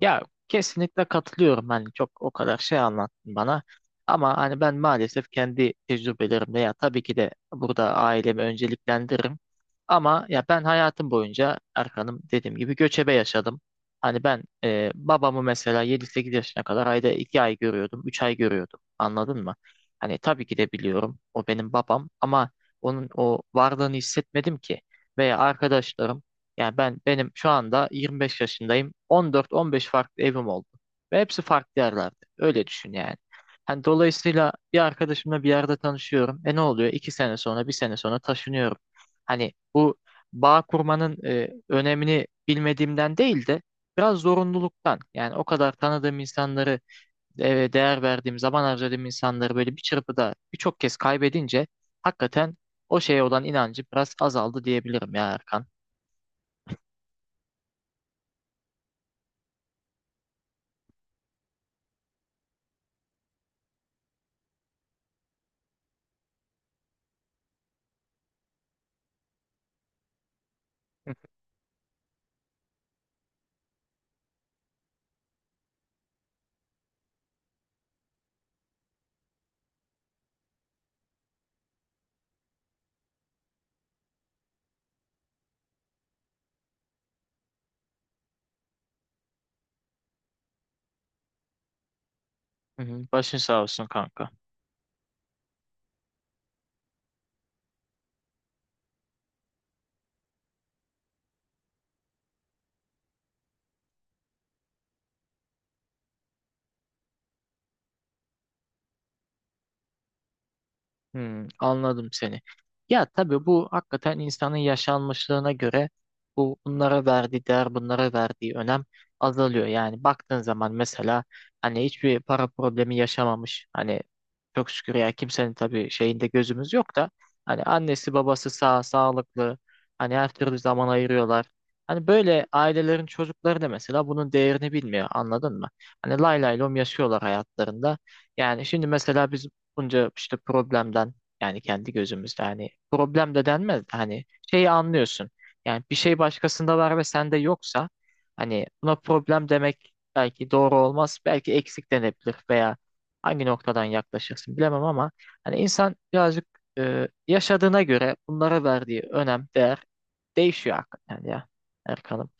Ya kesinlikle katılıyorum. Hani çok o kadar şey anlattın bana. Ama hani ben maalesef kendi tecrübelerimle ya tabii ki de burada ailemi önceliklendiririm. Ama ya ben hayatım boyunca Erkan'ım dediğim gibi göçebe yaşadım. Hani ben babamı mesela 7-8 yaşına kadar ayda 2 ay görüyordum, 3 ay görüyordum. Anladın mı? Hani tabii ki de biliyorum o benim babam ama onun o varlığını hissetmedim ki. Veya arkadaşlarım yani ben benim şu anda 25 yaşındayım. 14-15 farklı evim oldu. Ve hepsi farklı yerlerde. Öyle düşün yani. Hani dolayısıyla bir arkadaşımla bir yerde tanışıyorum. E ne oluyor? İki sene sonra, bir sene sonra taşınıyorum. Hani bu bağ kurmanın önemini bilmediğimden değil de biraz zorunluluktan. Yani o kadar tanıdığım insanları değer verdiğim, zaman harcadığım insanları böyle bir çırpıda birçok kez kaybedince hakikaten o şeye olan inancı biraz azaldı diyebilirim ya Erkan. Hı hı. Başın sağ olsun kanka. Hmm, anladım seni. Ya tabii bu hakikaten insanın yaşanmışlığına göre bunlara verdiği değer, bunlara verdiği önem azalıyor. Yani baktığın zaman mesela hani hiçbir para problemi yaşamamış. Hani çok şükür ya kimsenin tabii şeyinde gözümüz yok da hani annesi babası sağ, sağlıklı. Hani her türlü zaman ayırıyorlar. Hani böyle ailelerin çocukları da mesela bunun değerini bilmiyor, anladın mı? Hani lay lay lom yaşıyorlar hayatlarında. Yani şimdi mesela biz bunca işte problemden yani kendi gözümüzde hani problem de denmez de hani şeyi anlıyorsun. Yani bir şey başkasında var ve sende yoksa hani buna problem demek belki doğru olmaz. Belki eksik denebilir veya hangi noktadan yaklaşırsın bilemem ama hani insan birazcık yaşadığına göre bunlara verdiği önem, değer değişiyor hakikaten ya Erkan'ım.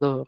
Doğru.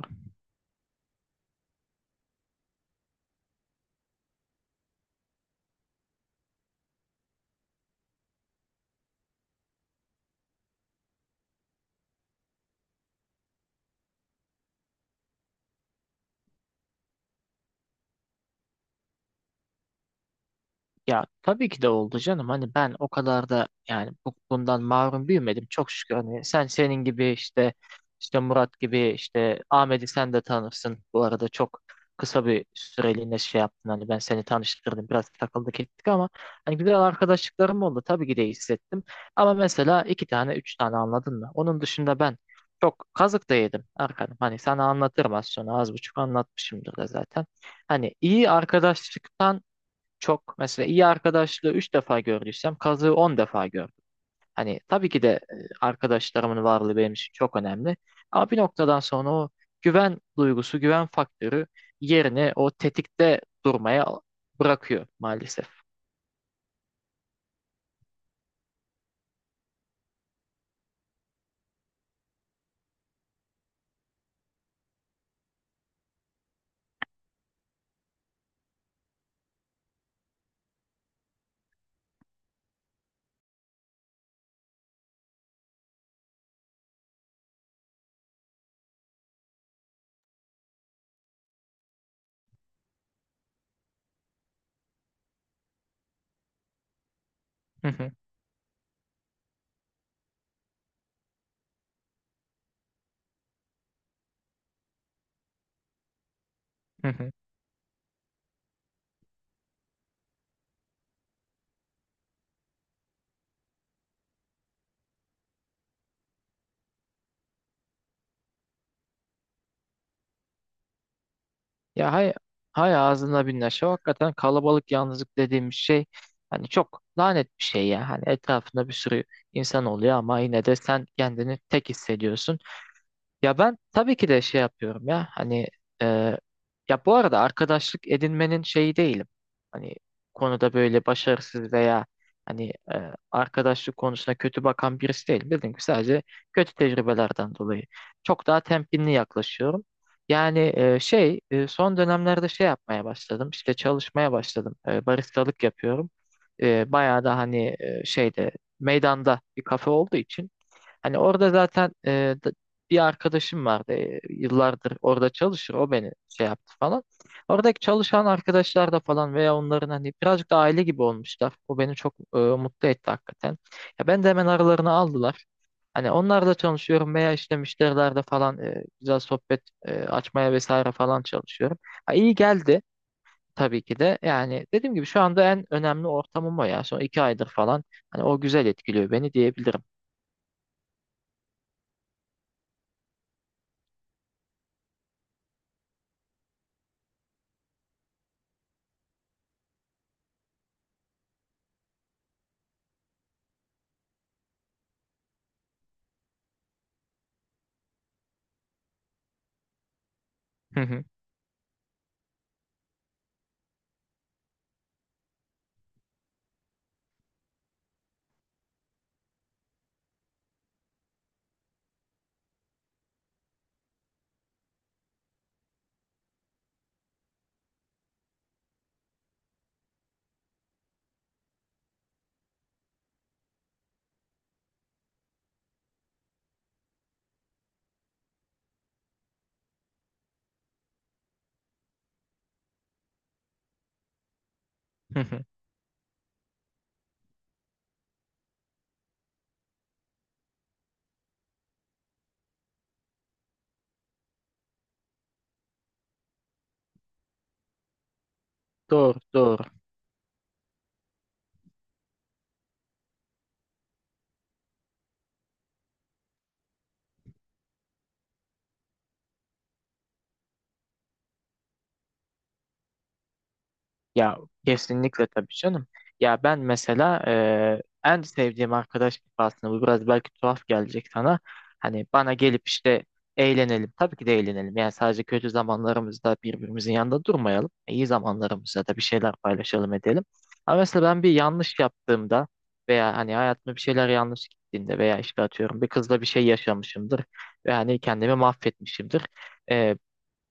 Ya tabii ki de oldu canım. Hani ben o kadar da yani bundan mahrum büyümedim. Çok şükür hani senin gibi işte Murat gibi işte Ahmet'i sen de tanırsın. Bu arada çok kısa bir süreliğine şey yaptın. Hani ben seni tanıştırdım. Biraz takıldık ettik ama hani güzel arkadaşlıklarım oldu. Tabii ki de hissettim. Ama mesela iki tane üç tane, anladın mı? Onun dışında ben çok kazık da yedim Erkan'ım. Hani sana anlatırım az sonra. Az buçuk anlatmışımdır da zaten. Hani iyi arkadaşlıktan çok mesela iyi arkadaşlığı 3 defa gördüysem kazığı 10 defa gördüm. Hani tabii ki de arkadaşlarımın varlığı benim için çok önemli. Ama bir noktadan sonra o güven duygusu, güven faktörü yerini o tetikte durmaya bırakıyor maalesef. Hı hı, hı hı. Ya hay, hay ağzına bin neşe. Hakikaten kalabalık yalnızlık dediğimiz şey hani çok lanet bir şey ya. Hani etrafında bir sürü insan oluyor ama yine de sen kendini tek hissediyorsun. Ya ben tabii ki de şey yapıyorum ya hani e, ya bu arada arkadaşlık edinmenin şeyi değilim. Hani konuda böyle başarısız veya hani arkadaşlık konusuna kötü bakan birisi değilim. Dediğim gibi sadece kötü tecrübelerden dolayı çok daha temkinli yaklaşıyorum. Yani şey son dönemlerde şey yapmaya başladım, işte çalışmaya başladım. Baristalık yapıyorum. Bayağı da hani şeyde meydanda bir kafe olduğu için. Hani orada zaten bir arkadaşım vardı. Yıllardır orada çalışır. O beni şey yaptı falan. Oradaki çalışan arkadaşlar da falan veya onların hani birazcık da aile gibi olmuşlar. O beni çok mutlu etti hakikaten. Ya ben de hemen aralarına aldılar. Hani onlarla çalışıyorum veya işte müşterilerde falan güzel sohbet açmaya vesaire falan çalışıyorum. Ha, iyi geldi tabii ki de. Yani dediğim gibi şu anda en önemli ortamım o ya. Son iki aydır falan. Hani o güzel etkiliyor beni diyebilirim. Doğru, doğru. Ya kesinlikle tabii canım. Ya ben mesela en sevdiğim arkadaş aslında bu biraz belki tuhaf gelecek sana. Hani bana gelip işte eğlenelim. Tabii ki de eğlenelim. Yani sadece kötü zamanlarımızda birbirimizin yanında durmayalım. İyi zamanlarımızda da bir şeyler paylaşalım edelim. Ama mesela ben bir yanlış yaptığımda veya hani hayatımda bir şeyler yanlış gittiğinde veya işte atıyorum bir kızla bir şey yaşamışımdır ve hani kendimi mahvetmişimdir.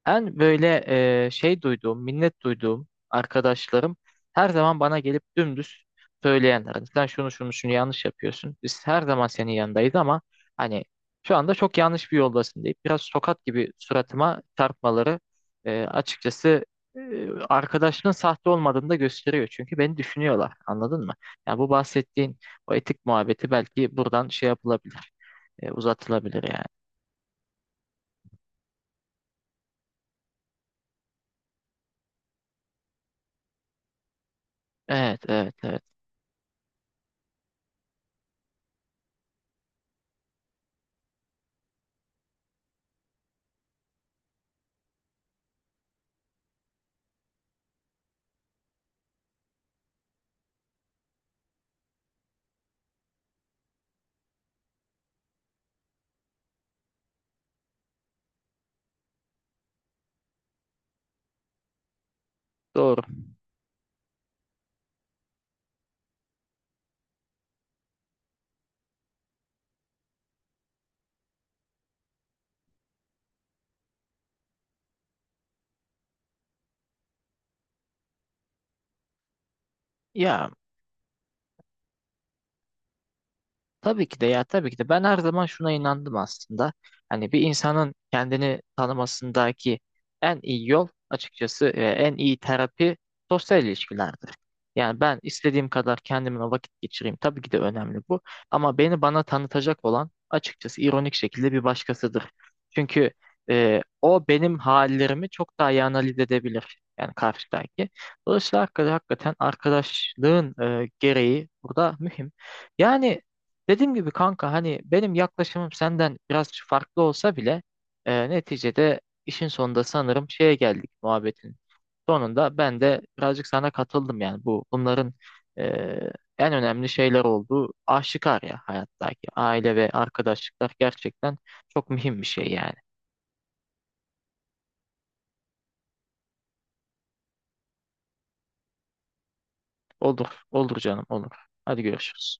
En böyle şey duyduğum, minnet duyduğum arkadaşlarım her zaman bana gelip dümdüz söyleyenler. Hani sen şunu şunu şunu yanlış yapıyorsun. Biz her zaman senin yanındayız ama hani şu anda çok yanlış bir yoldasın deyip biraz tokat gibi suratıma çarpmaları açıkçası arkadaşının sahte olmadığını da gösteriyor. Çünkü beni düşünüyorlar. Anladın mı? Yani bu bahsettiğin o etik muhabbeti belki buradan şey yapılabilir, uzatılabilir yani. Evet, evet, evet. Doğru. Ya ya tabii ki de ben her zaman şuna inandım aslında. Hani bir insanın kendini tanımasındaki en iyi yol açıkçası en iyi terapi sosyal ilişkilerdir. Yani ben istediğim kadar kendimle vakit geçireyim. Tabii ki de önemli bu. Ama beni bana tanıtacak olan açıkçası ironik şekilde bir başkasıdır. Çünkü o benim hallerimi çok daha iyi analiz edebilir. Yani karşıdaki. Dolayısıyla hakikaten arkadaşlığın gereği burada mühim. Yani dediğim gibi kanka hani benim yaklaşımım senden biraz farklı olsa bile neticede işin sonunda sanırım şeye geldik muhabbetin sonunda ben de birazcık sana katıldım yani bunların e, en önemli şeyler olduğu aşikar ya hayattaki aile ve arkadaşlıklar gerçekten çok mühim bir şey yani. Olur olur canım olur. Hadi görüşürüz.